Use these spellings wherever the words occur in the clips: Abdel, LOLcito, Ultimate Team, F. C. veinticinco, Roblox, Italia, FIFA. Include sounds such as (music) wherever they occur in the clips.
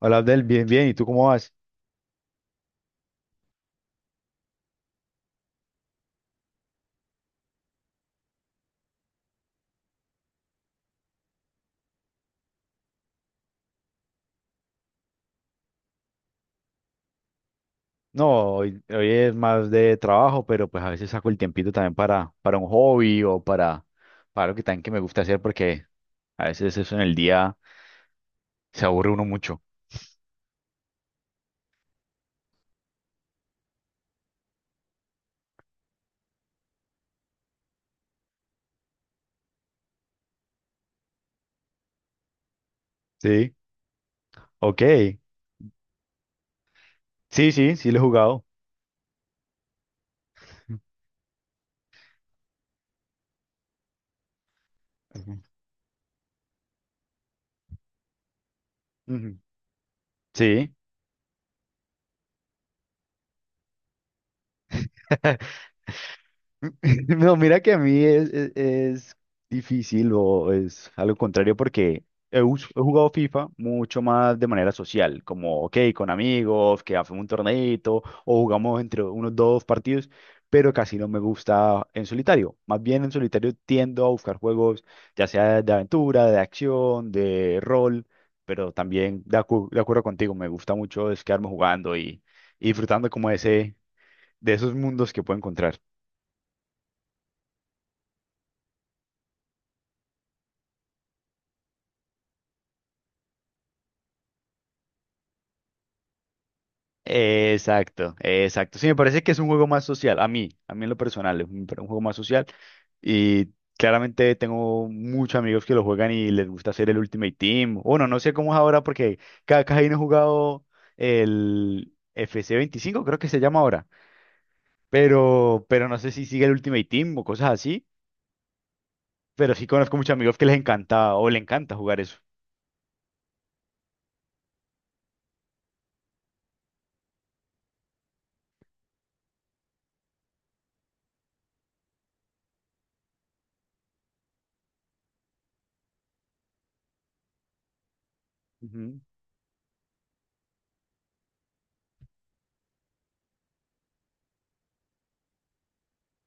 Hola Abdel, bien, bien, ¿y tú cómo vas? No, hoy es más de trabajo, pero pues a veces saco el tiempito también para un hobby o para algo que también que me gusta hacer porque a veces eso en el día se aburre uno mucho. Sí, ok. Sí, sí, sí lo he jugado. (laughs) Ujú. Ujú. Sí. (laughs) (laughs) No, mira que a mí es difícil o es algo contrario porque he jugado FIFA mucho más de manera social, como, ok, con amigos, que hacemos un torneito o jugamos entre unos dos partidos, pero casi no me gusta en solitario. Más bien en solitario tiendo a buscar juegos, ya sea de aventura, de acción, de rol, pero también de acuerdo contigo, me gusta mucho es quedarme jugando y disfrutando como de esos mundos que puedo encontrar. Exacto, exacto. Sí, me parece que es un juego más social, a mí en lo personal, es un juego más social. Y claramente tengo muchos amigos que lo juegan y les gusta hacer el Ultimate Team. Bueno, no sé cómo es ahora porque cada casi no he jugado el FC 25, creo que se llama ahora. Pero no sé si sigue el Ultimate Team o cosas así. Pero sí conozco muchos amigos que les encanta o le encanta jugar eso. Ujú.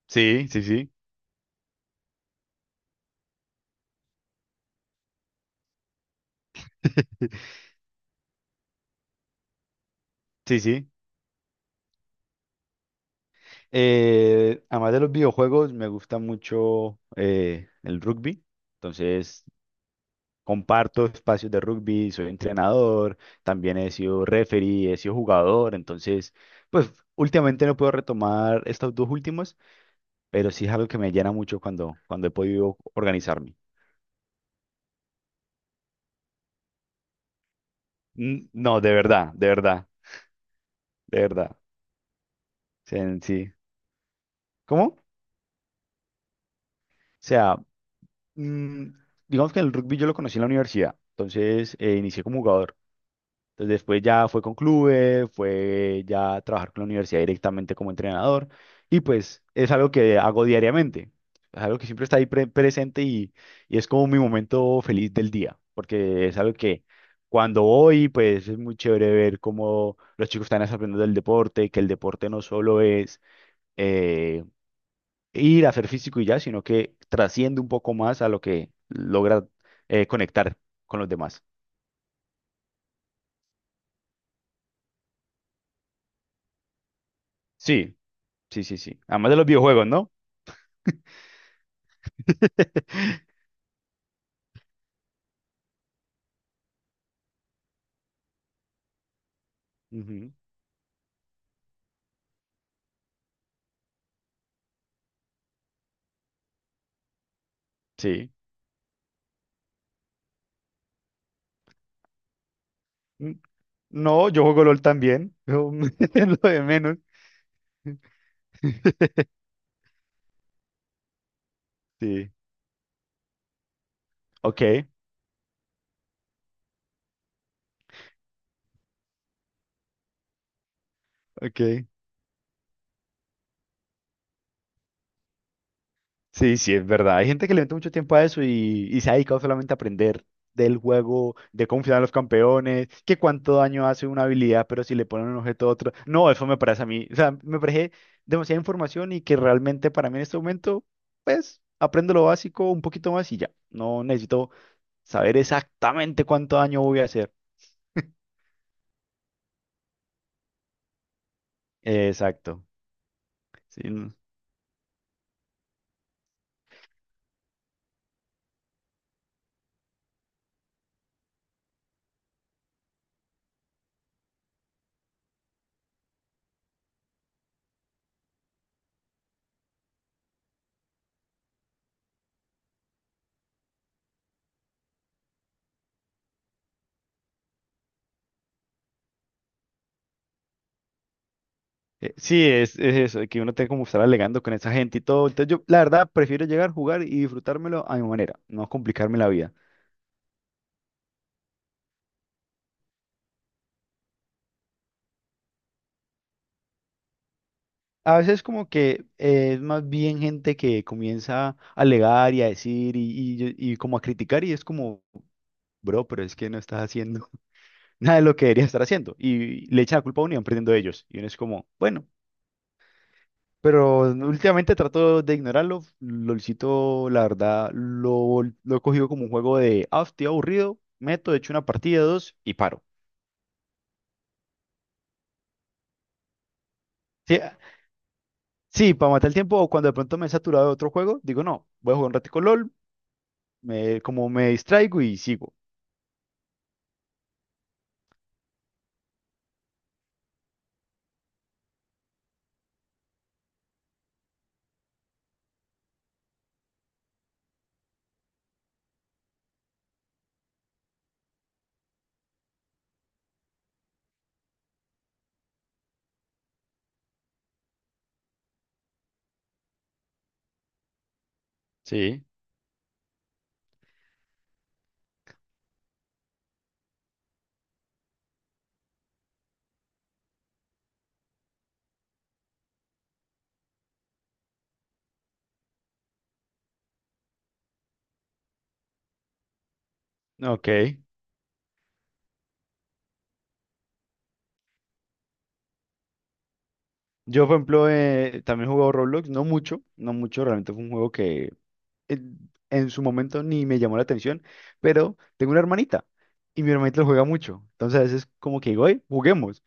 Sí, sí, sí. (laughs) Sí, sí. Además de los videojuegos, me gusta mucho el rugby. Entonces, comparto espacios de rugby, soy entrenador, también he sido referee, he sido jugador. Entonces, pues últimamente no puedo retomar estos dos últimos, pero sí es algo que me llena mucho cuando he podido organizarme. Mm, no, de verdad, de verdad, de verdad. O sea, en. Sí. ¿Cómo? O sea, mm, digamos que el rugby yo lo conocí en la universidad. Entonces, inicié como jugador. Entonces después ya fue con clubes, fue ya a trabajar con la universidad directamente como entrenador y pues es algo que hago diariamente, es algo que siempre está ahí presente y es como mi momento feliz del día, porque es algo que cuando voy pues es muy chévere ver cómo los chicos están aprendiendo del deporte, que el deporte no solo es eh, ir a hacer físico y ya, sino que trasciende un poco más a lo que logra conectar con los demás. Sí, sí, sí, sí. Además de los videojuegos, ¿no? (laughs) Ujú, sí. Mm, no, yo juego LOL también. Yo (laughs) lo de menos. Sí. Ok, ok. Sí, sí, es verdad. Hay gente que le mete mucho tiempo a eso y se ha dedicado solamente a aprender del juego, de cómo funcionan los campeones, que cuánto daño hace una habilidad, pero si le ponen un objeto a otro. No, eso me parece a mí. O sea, me parece demasiada información y que realmente para mí en este momento, pues, aprendo lo básico un poquito más y ya. No necesito saber exactamente cuánto daño voy a hacer. Exacto. Sí, sí, es eso, que uno tenga como estar alegando con esa gente y todo. Entonces yo, la verdad, prefiero llegar, jugar y disfrutármelo a mi manera, no complicarme la vida. A veces como que es más bien gente que comienza a alegar y a decir y como a criticar y es como, bro, pero es que no estás haciendo (laughs) nada de lo que deberías estar haciendo. Y le echan la culpa a uno y van perdiendo ellos. Y uno es como, bueno. Pero últimamente trato de ignorarlo. LOLcito, la verdad, lo he cogido como un juego de, ah, estoy aburrido, echo una partida, dos y paro. Sí, ah, sí, para matar el tiempo o cuando de pronto me he saturado de otro juego, digo, no, voy a jugar un ratico LOL, como me distraigo y sigo. Sí. Ok. Yo, por ejemplo, también he jugado Roblox, no mucho, no mucho, realmente fue un juego que en, en su momento ni me llamó la atención, pero tengo una hermanita y mi hermanita lo juega mucho. Entonces a veces como que digo, "Oye, juguemos".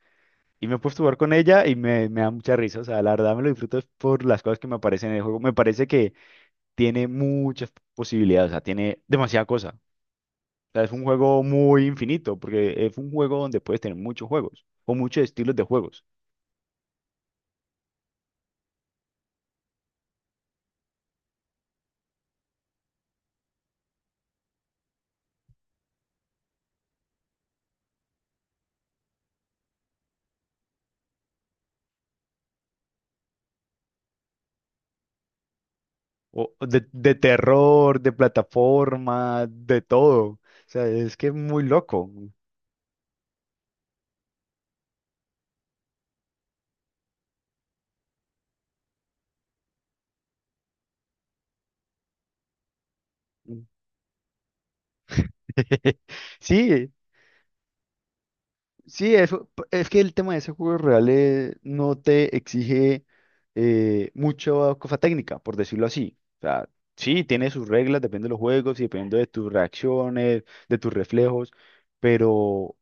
Y me he puesto a jugar con ella y me da mucha risa. O sea, la verdad me lo disfruto es por las cosas que me aparecen en el juego. Me parece que tiene muchas posibilidades, o sea, tiene demasiada cosa. O sea, es un juego muy infinito, porque es un juego donde puedes tener muchos juegos, o muchos estilos de juegos, o de terror, de plataforma, de todo. O sea, es que es muy loco. (laughs) Sí, sí, eso, es que el tema de ese juego real no te exige mucha cosa técnica, por decirlo así. O sea, sí, tiene sus reglas, depende de los juegos y dependiendo de tus reacciones, de tus reflejos, pero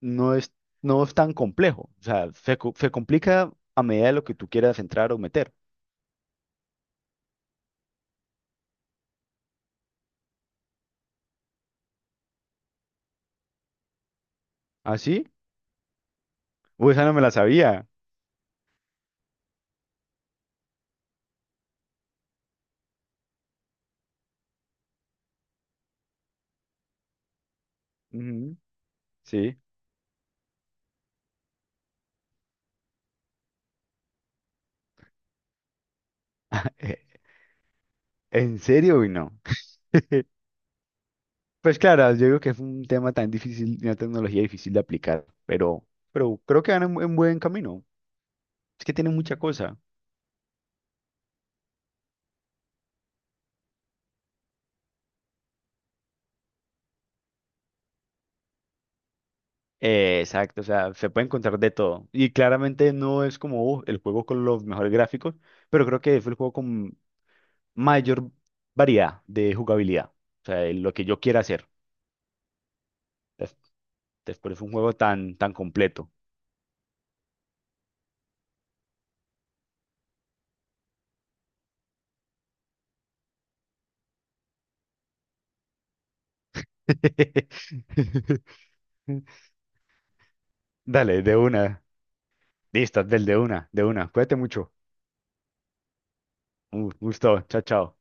no es, no es tan complejo. O sea, se complica a medida de lo que tú quieras entrar o meter. ¿Ah, sí? Uy, esa no me la sabía. Ujú, sí. (laughs) ¿En serio, o no? (laughs) Pues claro, yo digo que es un tema tan difícil, y una tecnología difícil de aplicar, pero creo que van en buen camino. Es que tienen mucha cosa. Exacto, o sea, se puede encontrar de todo. Y claramente no es como el juego con los mejores gráficos, pero creo que fue el juego con mayor variedad de jugabilidad. O sea, lo que yo quiera hacer. Entonces, por eso es un juego tan, tan completo. (laughs) Dale, de una. Listo, del de una, de una. Cuídate mucho. Un gusto. Chao, chao.